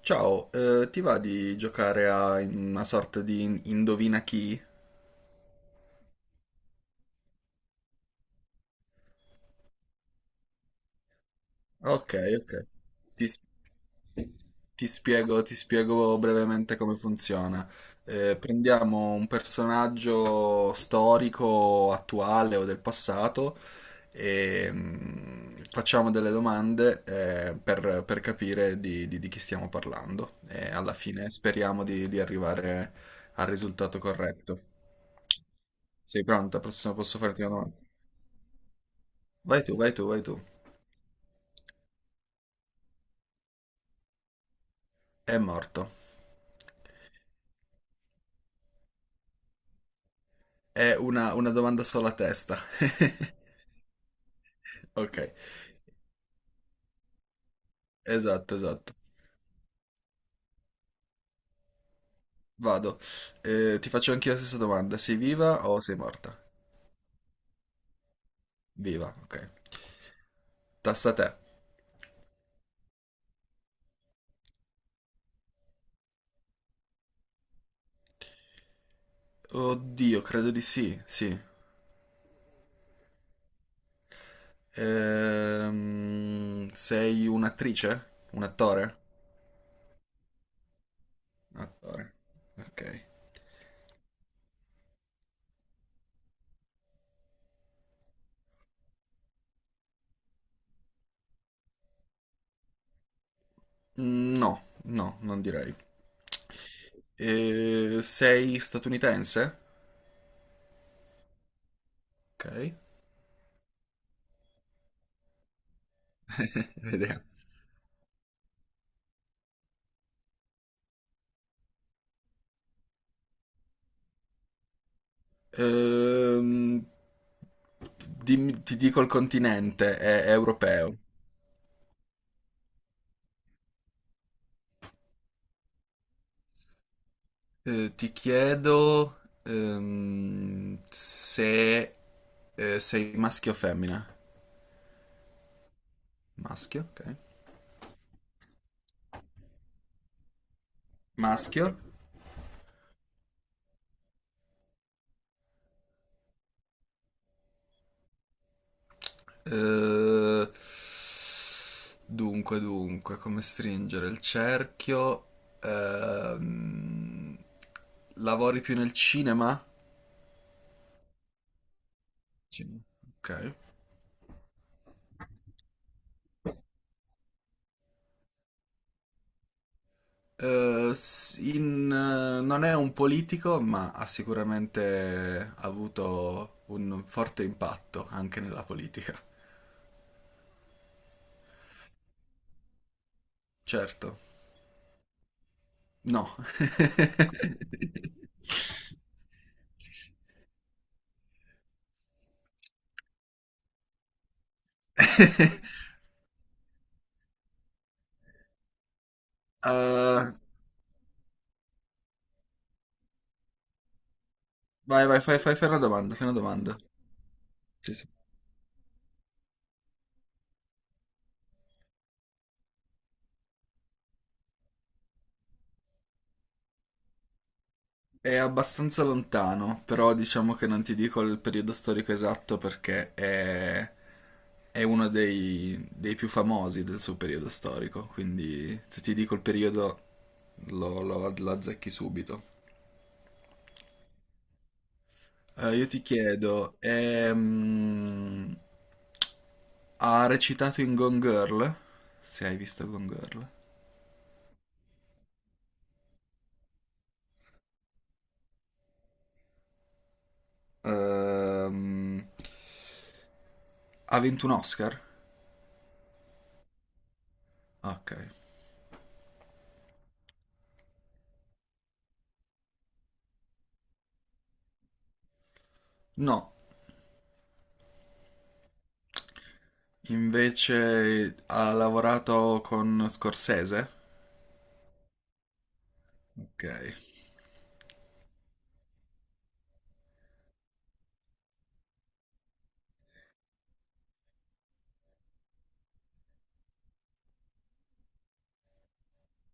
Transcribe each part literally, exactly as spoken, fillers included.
Ciao, eh, ti va di giocare a una sorta di indovina chi? Ok, ok. Ti, s- ti spiego, ti spiego brevemente come funziona. Eh, prendiamo un personaggio storico, attuale o del passato e mm, facciamo delle domande eh, per, per capire di, di- di chi stiamo parlando. E alla fine speriamo di, di arrivare al risultato corretto. Sei pronta? Prossimo- posso farti una domanda? Vai tu, vai tu, vai tu. È morto. È una, una domanda sola a testa. Ok, esatto, esatto. Vado. Eh, ti faccio anch'io la stessa domanda. Sei viva o sei morta? Viva, ok. Tasta a te. Oddio, credo di sì, sì. Ehm, sei un'attrice? Un attore? Attore. Ok. Mm, No, no, non direi. Eh, sei statunitense? Ok. Vediamo. Ehm, Dimmi- ti dico il continente, è, è europeo. Eh, ti chiedo ehm, se eh, sei maschio o femmina. Maschio, ok. Maschio. Eh, dunque, dunque, come stringere il cerchio? Ehm, lavori più nel cinema? Cinema. Ok. Eh, s- in, eh, non è un politico, ma ha sicuramente avuto un forte impatto anche nella politica. Certo. No. Eh, vai, vai, fai, fai, fai una domanda, fai una domanda. Sì, sì. È abbastanza lontano, però diciamo che non ti dico il periodo storico esatto perché è, è uno dei, dei più famosi del suo periodo storico, quindi se ti dico il periodo lo, lo- lo azzecchi subito. Eh, io ti chiedo, ehm, ha recitato in Gone Girl? Se hai visto Gone Girl. Ehm, ha vinto un Oscar? Ok. No. Invece ha lavorato con Scorsese? Ok.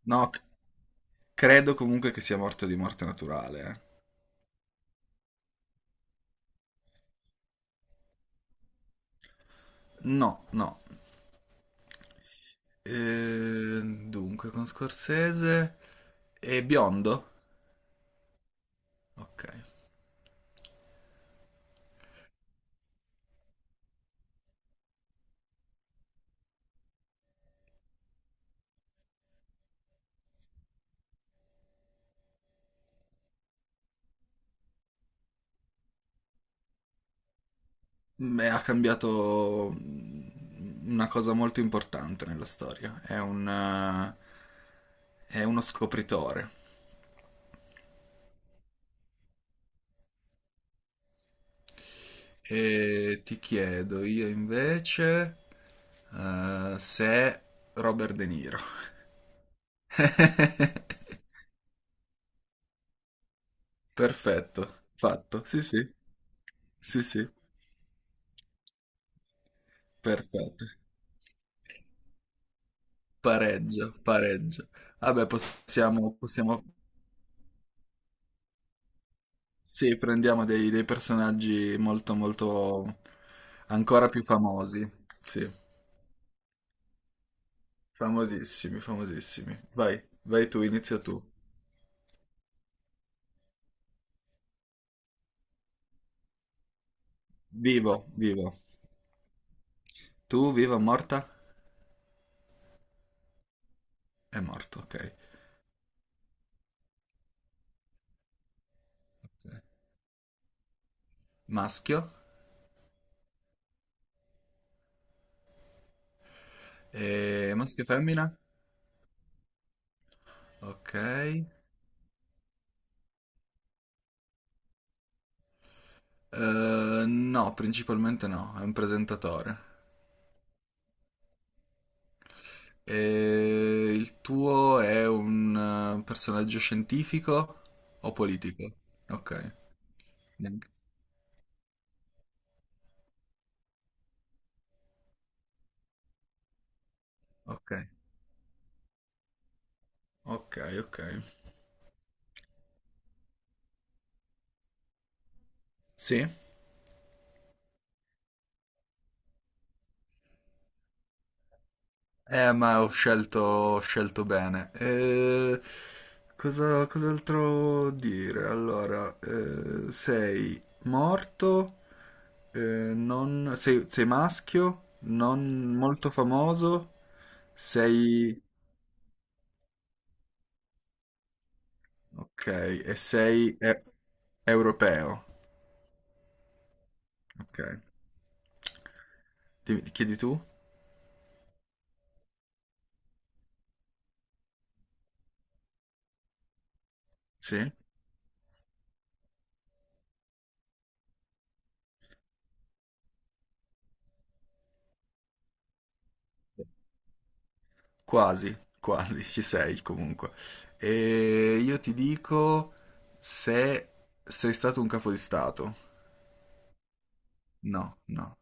No, c- credo comunque che sia morto di morte naturale. eh. No, no. Eh, dunque, con Scorsese è biondo? Ok. Beh, ha cambiato mm, una cosa molto importante nella storia. È un, eh, è uno scopritore. E ti chiedo io invece eh, se Robert De Niro. Perfetto, fatto. Sì, sì, sì, sì, perfetto. Pareggio, pareggio. Vabbè, possiamo, possiamo... Sì, prendiamo dei, dei personaggi molto, molto. Ancora più famosi. Sì, famosissimi, famosissimi. Vai, vai tu, inizia tu. Vivo, vivo. Tu, viva, morta? È morto, ok. Ok. Maschio? E maschio e femmina? Ok. Eh, no, principalmente no, è un presentatore. E il tuo è un eh, personaggio scientifico o politico? Ok, neanche. Ok, ok, ok. Sì? Eh, ma ho scelto, ho scelto, bene. Eh, cosa, cos'altro dire? Allora, eh, sei morto, eh, non- sei, sei maschio, non molto famoso, sei. Ok, e sei e- europeo. Ok. Ti- ti chiedi tu? Sì? Quasi, quasi, ci sei comunque. E io ti dico se sei stato un capo di stato. No, no.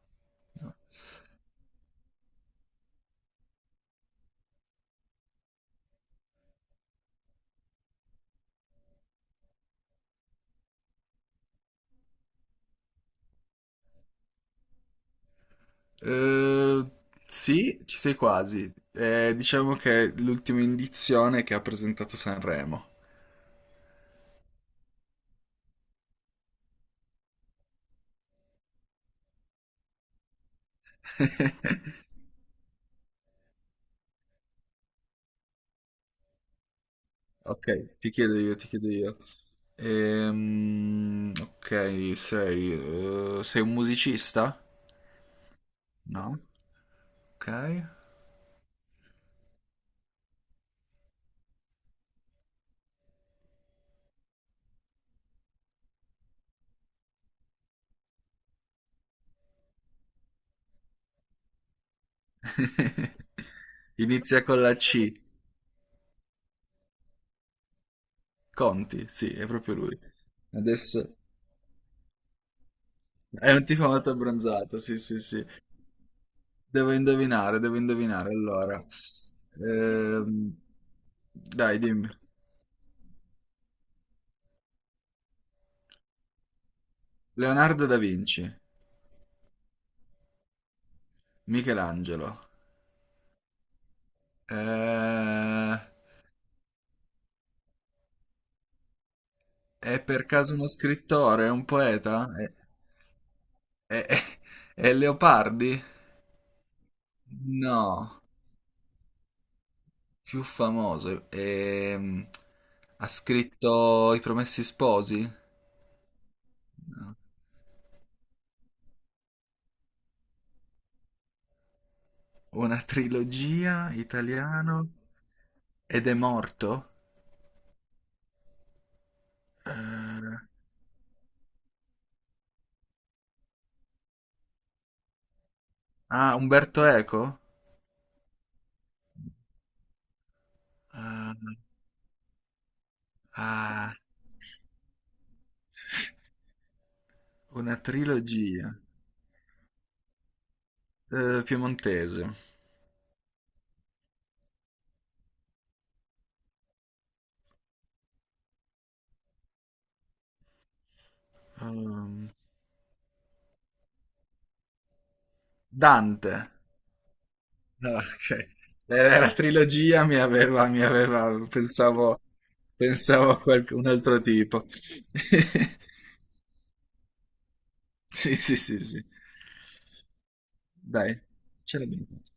Eh, sì, ci sei quasi. Eh, diciamo che è l'ultima indizione che ha presentato Sanremo. Ok, ti chiedo io, ti chiedo io. Ehm, ok, sei, eh, sei un musicista? No? Ok. Inizia con la C. Conti, sì, è proprio lui. Adesso è un tipo molto abbronzato, sì, sì, sì. Devo indovinare, devo indovinare. Allora, ehm, dai, dimmi. Leonardo da Vinci, Michelangelo. Eh, è per caso uno scrittore, un poeta? È, è- è- è Leopardi? No. Più famoso. ehm, ha scritto I Promessi Sposi? No. Una trilogia italiano. Ed è morto? Eh, ah, Umberto Eco? Eh, ah, una trilogia. Eh, piemontese. Ehm, Dante. Ah, ok. Eh, La trilogia mi aveva, mi aveva, pensavo, pensavo a qualche- un altro tipo. Sì, sì, sì, sì. Dai, ce l'abbiamo fatta.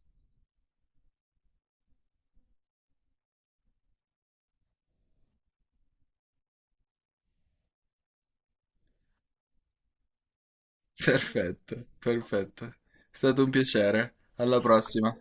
Perfetto, perfetto. È stato un piacere. Alla prossima.